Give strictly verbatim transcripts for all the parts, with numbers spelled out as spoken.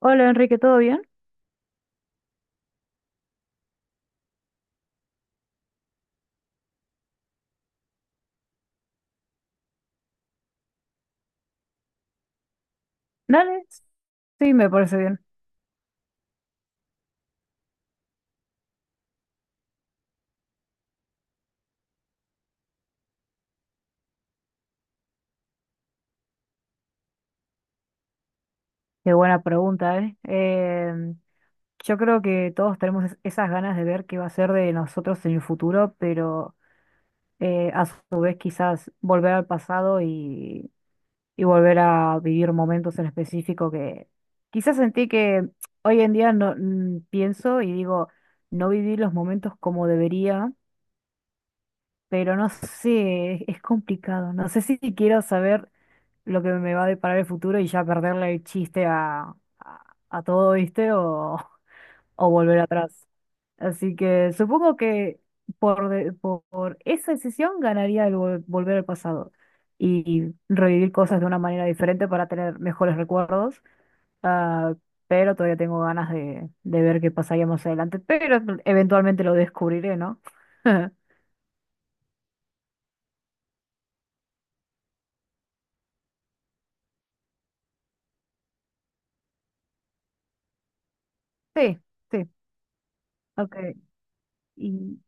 Hola Enrique, ¿todo bien? Dale, sí, me parece bien. Qué buena pregunta, ¿eh? Em, yo creo que todos tenemos es- esas ganas de ver qué va a ser de nosotros en el futuro, pero eh, a su vez quizás volver al pasado y, y volver a vivir momentos en específico que quizás sentí que hoy en día no mm, pienso y digo, no viví los momentos como debería, pero no sé, es es complicado. No sé si quiero saber lo que me va a deparar el futuro y ya perderle el chiste a, a, a todo, ¿viste? O, o volver atrás. Así que supongo que por, de- por, por esa decisión ganaría el vol- volver al pasado y revivir cosas de una manera diferente para tener mejores recuerdos. ah, pero todavía tengo ganas de, de ver qué pasaría más adelante. Pero eventualmente lo descubriré, ¿no? Sí, sí. Ok. Y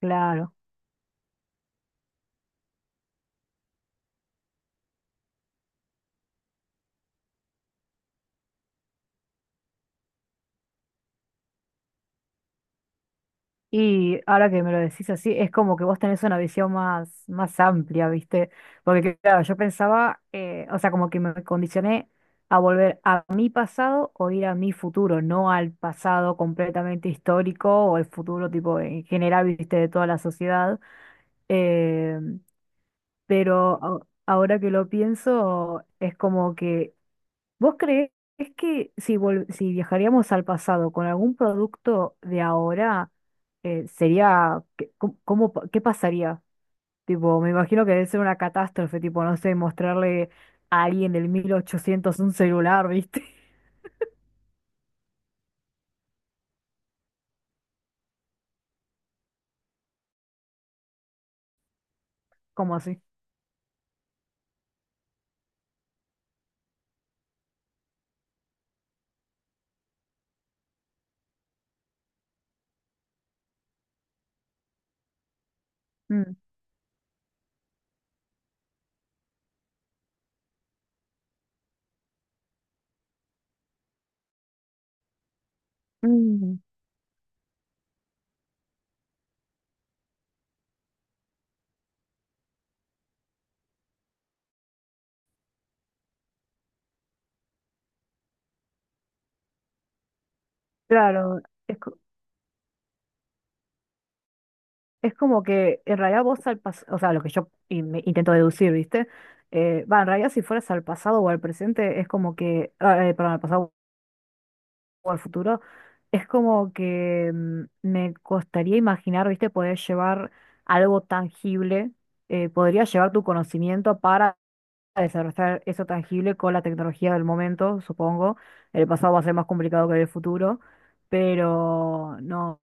claro. Y ahora que me lo decís así, es como que vos tenés una visión más, más amplia, ¿viste? Porque claro, yo pensaba, eh, o sea, como que me condicioné a volver a mi pasado o ir a mi futuro, no al pasado completamente histórico o el futuro tipo en general, ¿viste? De toda la sociedad. Eh, pero a- ahora que lo pienso, es como que ¿vos creés que si, vol- si viajaríamos al pasado con algún producto de ahora, eh, sería, qué, cómo- cómo pa- qué pasaría? Tipo, me imagino que debe ser una catástrofe, tipo, no sé, mostrarle a alguien del mil ochocientos un celular, ¿viste? Como así? Mm. Mm. Claro, es, co- es como que en realidad vos al pasado, o sea, lo que yo in- me intento deducir, ¿viste? Eh, va, en realidad si fueras al pasado o al presente, es como que, ah, eh, perdón, al pasado o al futuro, es como que mm, me costaría imaginar, viste, poder llevar algo tangible, eh, podría llevar tu conocimiento para desarrollar eso tangible con la tecnología del momento, supongo. El pasado va a ser más complicado que el futuro, pero no,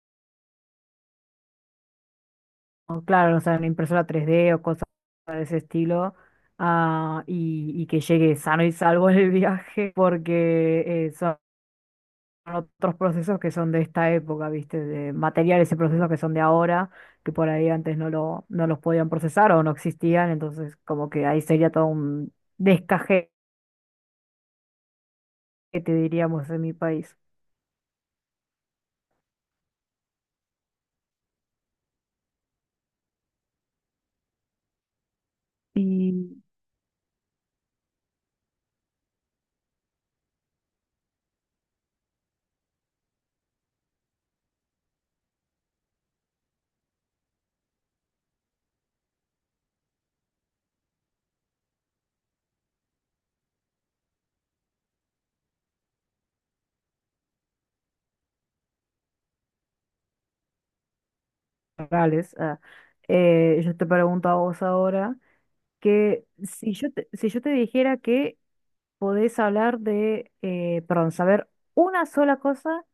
no, claro, o sea, una impresora tres d o cosas de ese estilo. Ah, y, y que llegue sano y salvo el viaje, porque eso otros procesos que son de esta época, ¿viste? De materiales y procesos que son de ahora, que por ahí antes no lo, no los podían procesar o no existían, entonces como que ahí sería todo un descajete, diríamos, en mi país. Y Morales, ah, eh, yo te pregunto a vos ahora que si yo te, si yo te dijera que podés hablar de, eh, perdón, saber una sola cosa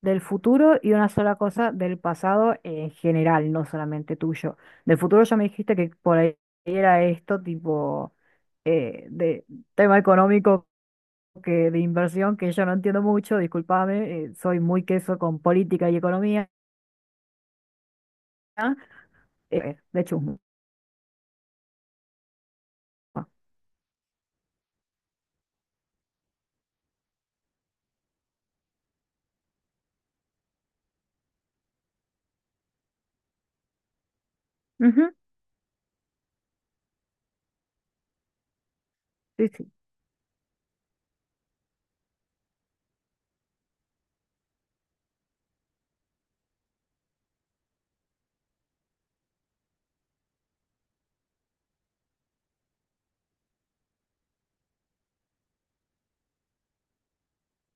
del futuro y una sola cosa del pasado en general, no solamente tuyo. Del futuro ya me dijiste que por ahí era esto, tipo eh, de tema económico que de inversión, que yo no entiendo mucho, discúlpame, eh, soy muy queso con política y economía, eh, de chusma. Ujú, sí, sí.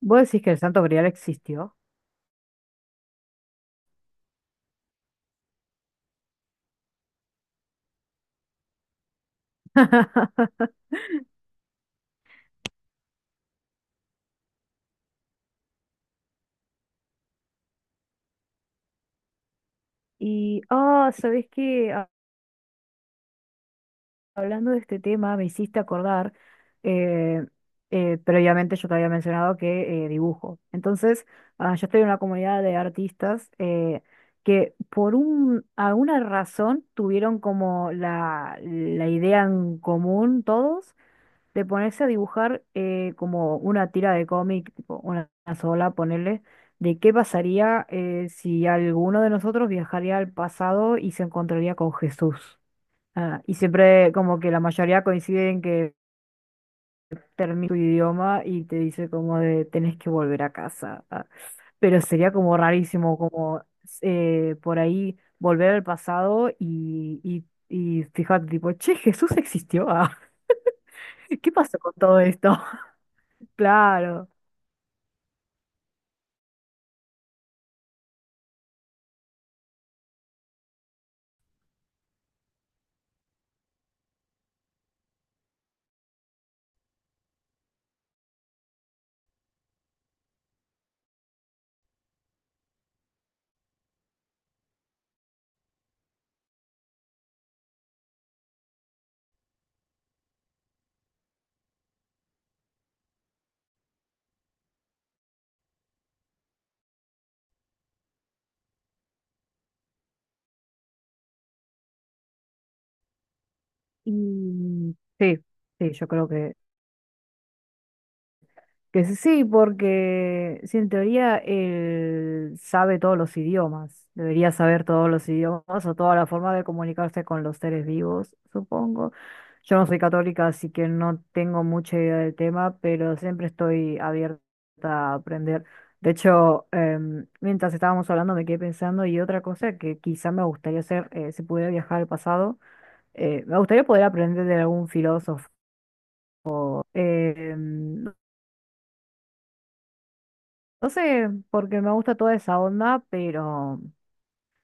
¿Vos decís que el Santo Grial existió? Y, oh, ¿sabés qué? Hablando de este tema, me hiciste acordar, eh, eh, previamente yo te había mencionado que eh, dibujo. Entonces, ah, yo estoy en una comunidad de artistas eh, que por un, alguna razón tuvieron como la, la idea en común todos de ponerse a dibujar eh, como una tira de cómic, tipo una sola, ponerle, de qué pasaría eh, si alguno de nosotros viajaría al pasado y se encontraría con Jesús. Ah, y siempre como que la mayoría coinciden que termina tu idioma y te dice como de tenés que volver a casa. Ah, pero sería como rarísimo como eh, por ahí volver al pasado y, y, y fíjate tipo, che, Jesús existió. Ah, ¿qué pasó con todo esto? Claro. Y sí, sí, yo creo que Que sí, sí, porque si en teoría él sabe todos los idiomas, debería saber todos los idiomas o toda la forma de comunicarse con los seres vivos, supongo. Yo no soy católica, así que no tengo mucha idea del tema, pero siempre estoy abierta a aprender. De hecho, em, mientras estábamos hablando me quedé pensando y otra cosa que quizá me gustaría hacer, eh, si pudiera viajar al pasado, eh, me gustaría poder aprender de algún filósofo. Em, No sé, porque me gusta toda esa onda, pero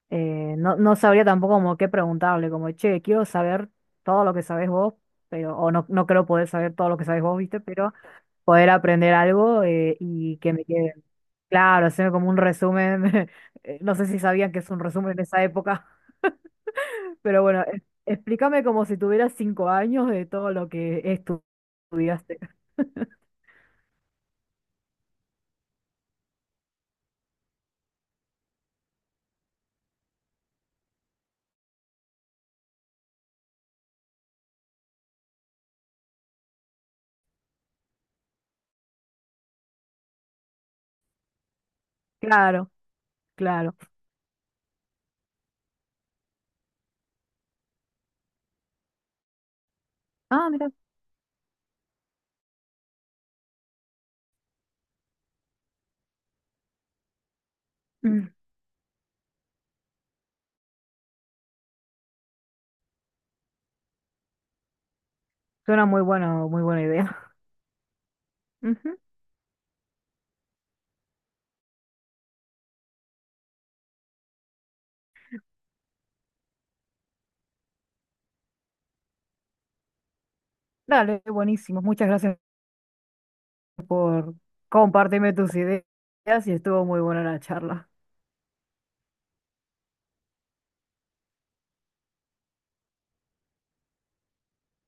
eh, no, no sabría tampoco como qué preguntarle, como, che, quiero saber todo lo que sabés vos, pero, o no, no creo poder saber todo lo que sabés vos, ¿viste? Pero poder aprender algo eh, y que me quede claro, hacerme como un resumen. eh, No sé si sabían que es un resumen en esa época, pero bueno, eh, explícame como si tuvieras cinco años de todo lo que estu- estudiaste. Claro, claro. Ah, mira, mm, suena muy bueno, muy buena idea. Dale, buenísimo. Muchas gracias por compartirme tus ideas y estuvo muy buena la charla.